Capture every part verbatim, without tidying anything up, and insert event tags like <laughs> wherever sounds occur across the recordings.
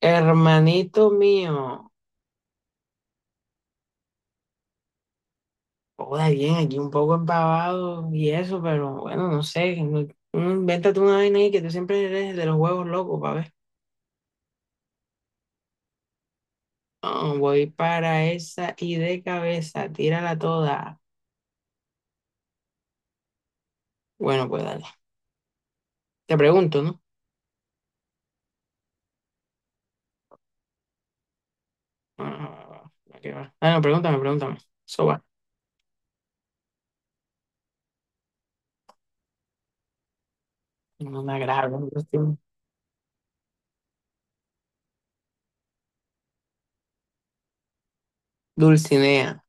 Hermanito mío, joda bien, aquí un poco empavado y eso, pero bueno, no sé, no- mm, invéntate una vaina ahí que tú siempre eres de los huevos locos, pa' ver. Ah, voy para esa y de cabeza, tírala toda. Bueno, pues dale. Te pregunto, ¿no? Ah, ¿a qué va? Ah, no, pregúntame, pregúntame. Eso va. No me agrada. Dulcinea.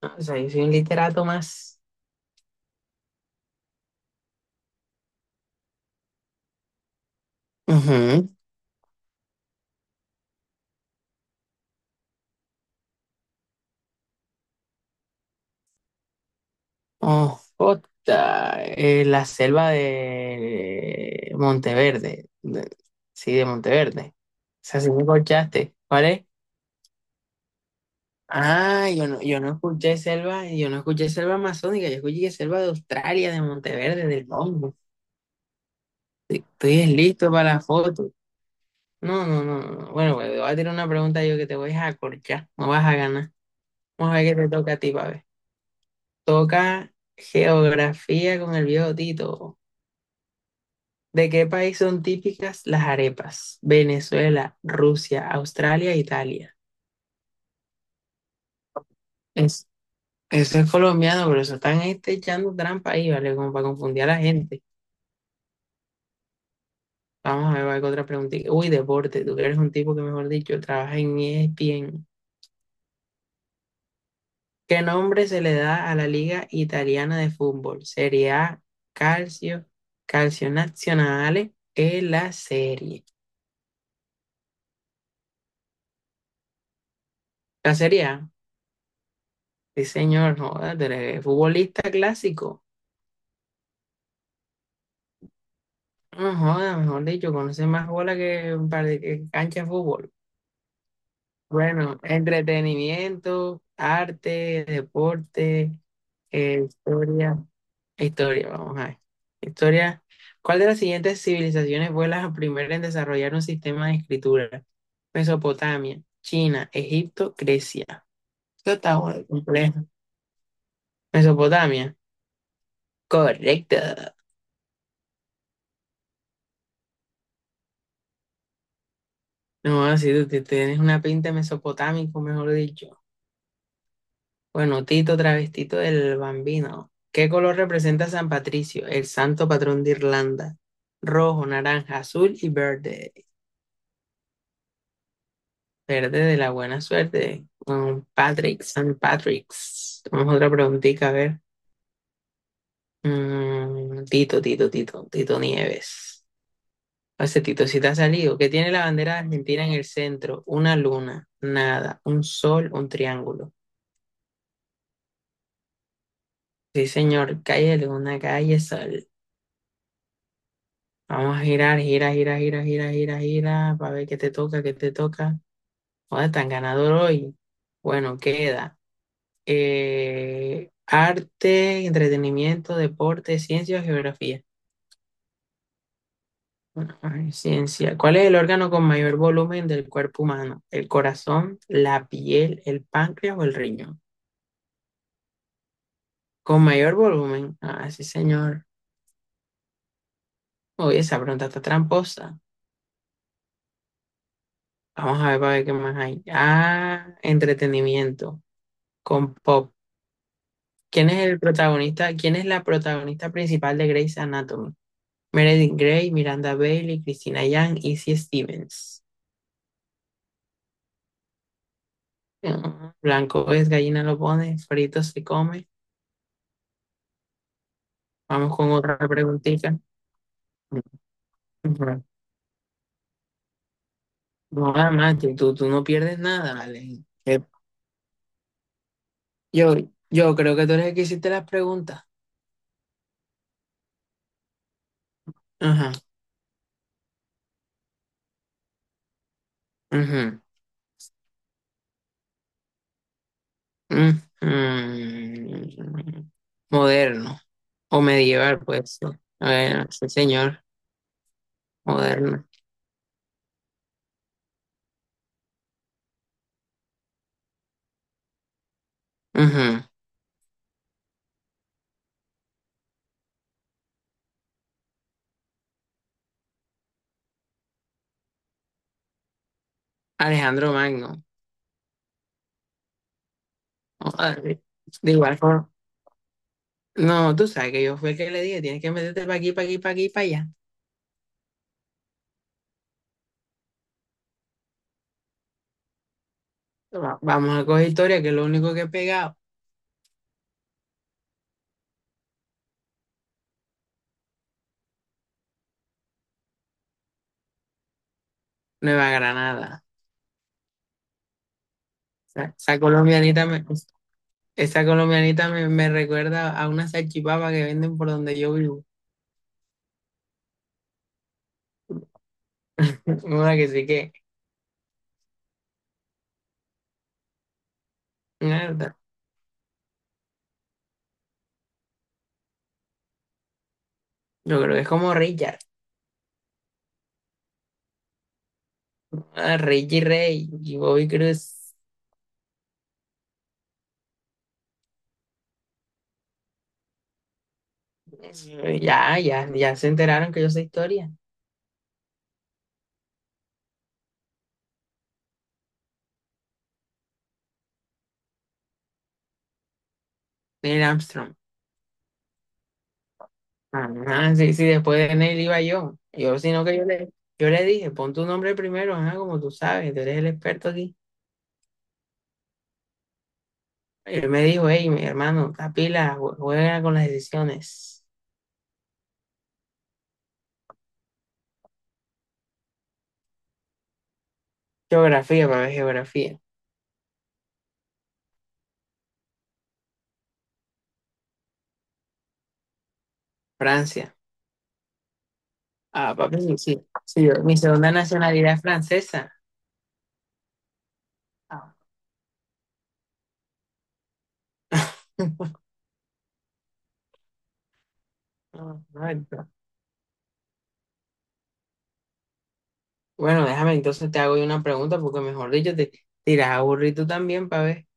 Ah, o sea, yo soy un literato más. Oh, puta, eh, la selva de Monteverde. De- sí, de Monteverde. O sea, si me escuchaste. ¿Cuál es? Ah, yo no, yo no escuché selva, yo no escuché selva amazónica, yo escuché selva de Australia, de Monteverde, del Congo. Estoy listo para la foto. No, no, no, no, no. Bueno, pues, te voy a tirar una pregunta yo que te voy a acorchar. No vas a ganar. Vamos a ver qué te toca a ti, pa' ver. Toca geografía con el viejo Tito. ¿De qué país son típicas las arepas? Venezuela, Rusia, Australia, Italia. Es, Eso es colombiano, pero eso están este, echando trampa ahí, ¿vale? Como para confundir a la gente. Vamos a ver, ¿cuál otra preguntita? Uy, deporte. Tú que eres un tipo que, mejor dicho, trabaja en E S P N. ¿Qué nombre se le da a la Liga Italiana de Fútbol? Serie A, Calcio, Calcio Nazionale, es la serie. La Serie A. Sí, señor, joder, tú eres futbolista clásico. No joda, mejor dicho, conoce más bola que, un par de- que cancha de fútbol. Bueno, entretenimiento, arte, deporte, eh, historia, historia, vamos a ver. Historia. ¿Cuál de las siguientes civilizaciones fue la primera en desarrollar un sistema de escritura? Mesopotamia, China, Egipto, Grecia. Esto está joda, complejo. Mesopotamia. Correcto. No, si tú te- tienes una pinta de mesopotámico, mejor dicho. Bueno, Tito, travestito del Bambino. ¿Qué color representa San Patricio, el santo patrón de Irlanda? Rojo, naranja, azul y verde. Verde de la buena suerte. Mm, Patrick, San Patrick's. Vamos a otra preguntita, a ver. Mm, Tito, Tito, Tito, Tito Nieves. Hace Tito, si te ha salido. ¿Qué tiene la bandera de Argentina en el centro? Una luna, nada, un sol, un triángulo. Sí, señor, calle luna, calle sol. Vamos a girar, gira, gira, gira, gira, gira, gira, para ver qué te toca, qué te toca. ¿Dónde tan ganador hoy? Bueno, queda eh, arte, entretenimiento, deporte, ciencia o geografía. Bueno, ay, ciencia. ¿Cuál es el órgano con mayor volumen del cuerpo humano? ¿El corazón, la piel, el páncreas o el riñón? Con mayor volumen. Ah, sí, señor. Oye, esa pregunta está tramposa. Vamos a ver para ver qué más hay. Ah, entretenimiento. Con pop. ¿Quién es el protagonista? ¿Quién es la protagonista principal de Grey's Anatomy? Meredith Grey, Miranda Bailey, Christina Yang, Izzy Stevens. Mm, blanco es, gallina lo pone, frito se come. Vamos con otra preguntita. No, además, tú, tú, tú no pierdes nada, vale. Eh, Yo, yo creo que tú eres el que hiciste las preguntas. Ajá. Ujú, ujú. Moderno o medieval, pues. Bueno, sí, señor. Moderno. Ujú. Alejandro Magno. O sea, de de igual forma. No, tú sabes que yo fui el que le dije, tienes que meterte para aquí, para aquí, para aquí, para allá. Va- Vamos a coger historia, que es lo único que he pegado. Nueva Granada. O Esa colombianita me, esa colombianita me, me recuerda a una salchipapa que venden por donde yo vivo. <laughs> Una que sí que, mierda. Yo creo que es como Richard. Ah, Richie Rey y Bobby Cruz. Ya, ya, ya se enteraron que yo sé historia. Neil Armstrong. Ah sí, sí, después de Neil iba yo. Yo, sino que yo le, yo le dije, pon tu nombre primero, ajá, como tú sabes, tú eres el experto aquí. Y él me dijo, hey, mi hermano, capila, juega con las decisiones. Geografía, para ver geografía. Francia. Ah, papi, sí, sí. Sí, yo- mi segunda nacionalidad es francesa. Ah. <laughs> Ah, bueno, déjame entonces te hago yo una pregunta, porque mejor dicho, te tiras aburrido también, para ver.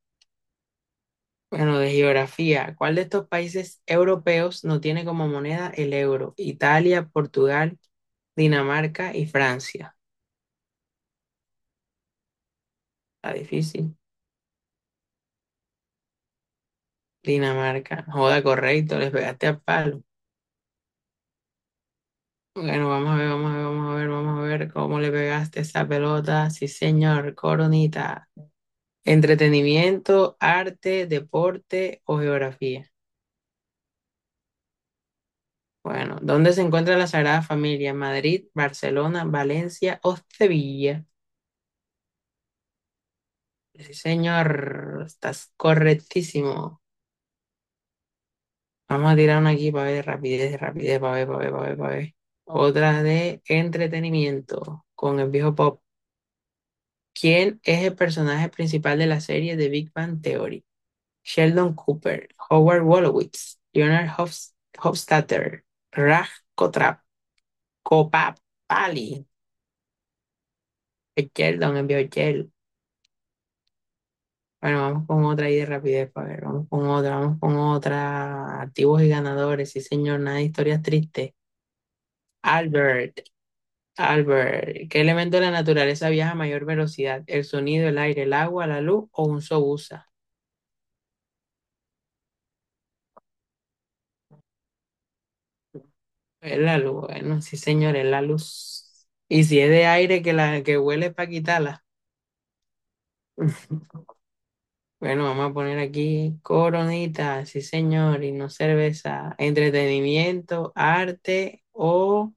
Bueno, de geografía, ¿cuál de estos países europeos no tiene como moneda el euro? Italia, Portugal, Dinamarca y Francia. Está difícil. Dinamarca. No joda, correcto, les pegaste al palo. Bueno, vamos a ver, vamos a ver, vamos a ver, vamos a ver cómo le pegaste esa pelota. Sí, señor, coronita. Entretenimiento, arte, deporte o geografía. Bueno, ¿dónde se encuentra la Sagrada Familia? ¿Madrid, Barcelona, Valencia o Sevilla? Sí, señor, estás correctísimo. Vamos a tirar una aquí para ver rapidez, rapidez, para ver, para ver, para ver, para ver. Otra de entretenimiento con el viejo Pop. ¿Quién es el personaje principal de la serie de Big Bang Theory? Sheldon Cooper, Howard Wolowitz, Leonard Hofs- Hofstadter, Raj Kotrap, Kopapali. El Sheldon, el viejo Sheldon. Bueno, vamos con otra ahí de rapidez, para ver, vamos con otra, vamos con otra. Activos y ganadores, sí señor, nada de historias tristes. Albert, Albert, ¿qué elemento de la naturaleza viaja a mayor velocidad? ¿El sonido, el aire, el agua, la luz o un sobusa? Es la luz, bueno, sí señor, es la luz. Y si es de aire que la que huele es para quitarla. <laughs> Bueno, vamos a poner aquí coronita, sí señor, y no cerveza. Entretenimiento, arte o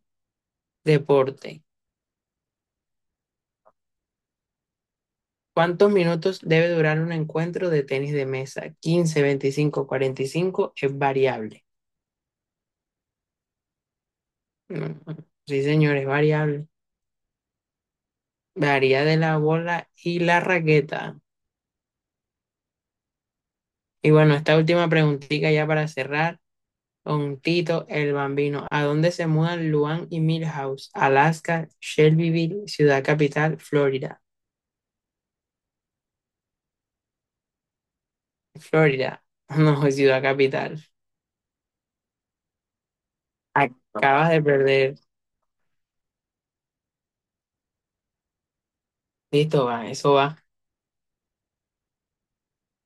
deporte. ¿Cuántos minutos debe durar un encuentro de tenis de mesa? quince, veinticinco, cuarenta y cinco, es variable. Mm, sí, señor, es variable. Varía de la bola y la raqueta. Y bueno, esta última preguntita ya para cerrar con Tito el Bambino. ¿A dónde se mudan Luan y Milhouse? Alaska, Shelbyville, Ciudad Capital, Florida. Florida. <laughs> No, Ciudad Capital. Acabas de perder. Listo, va, eso va.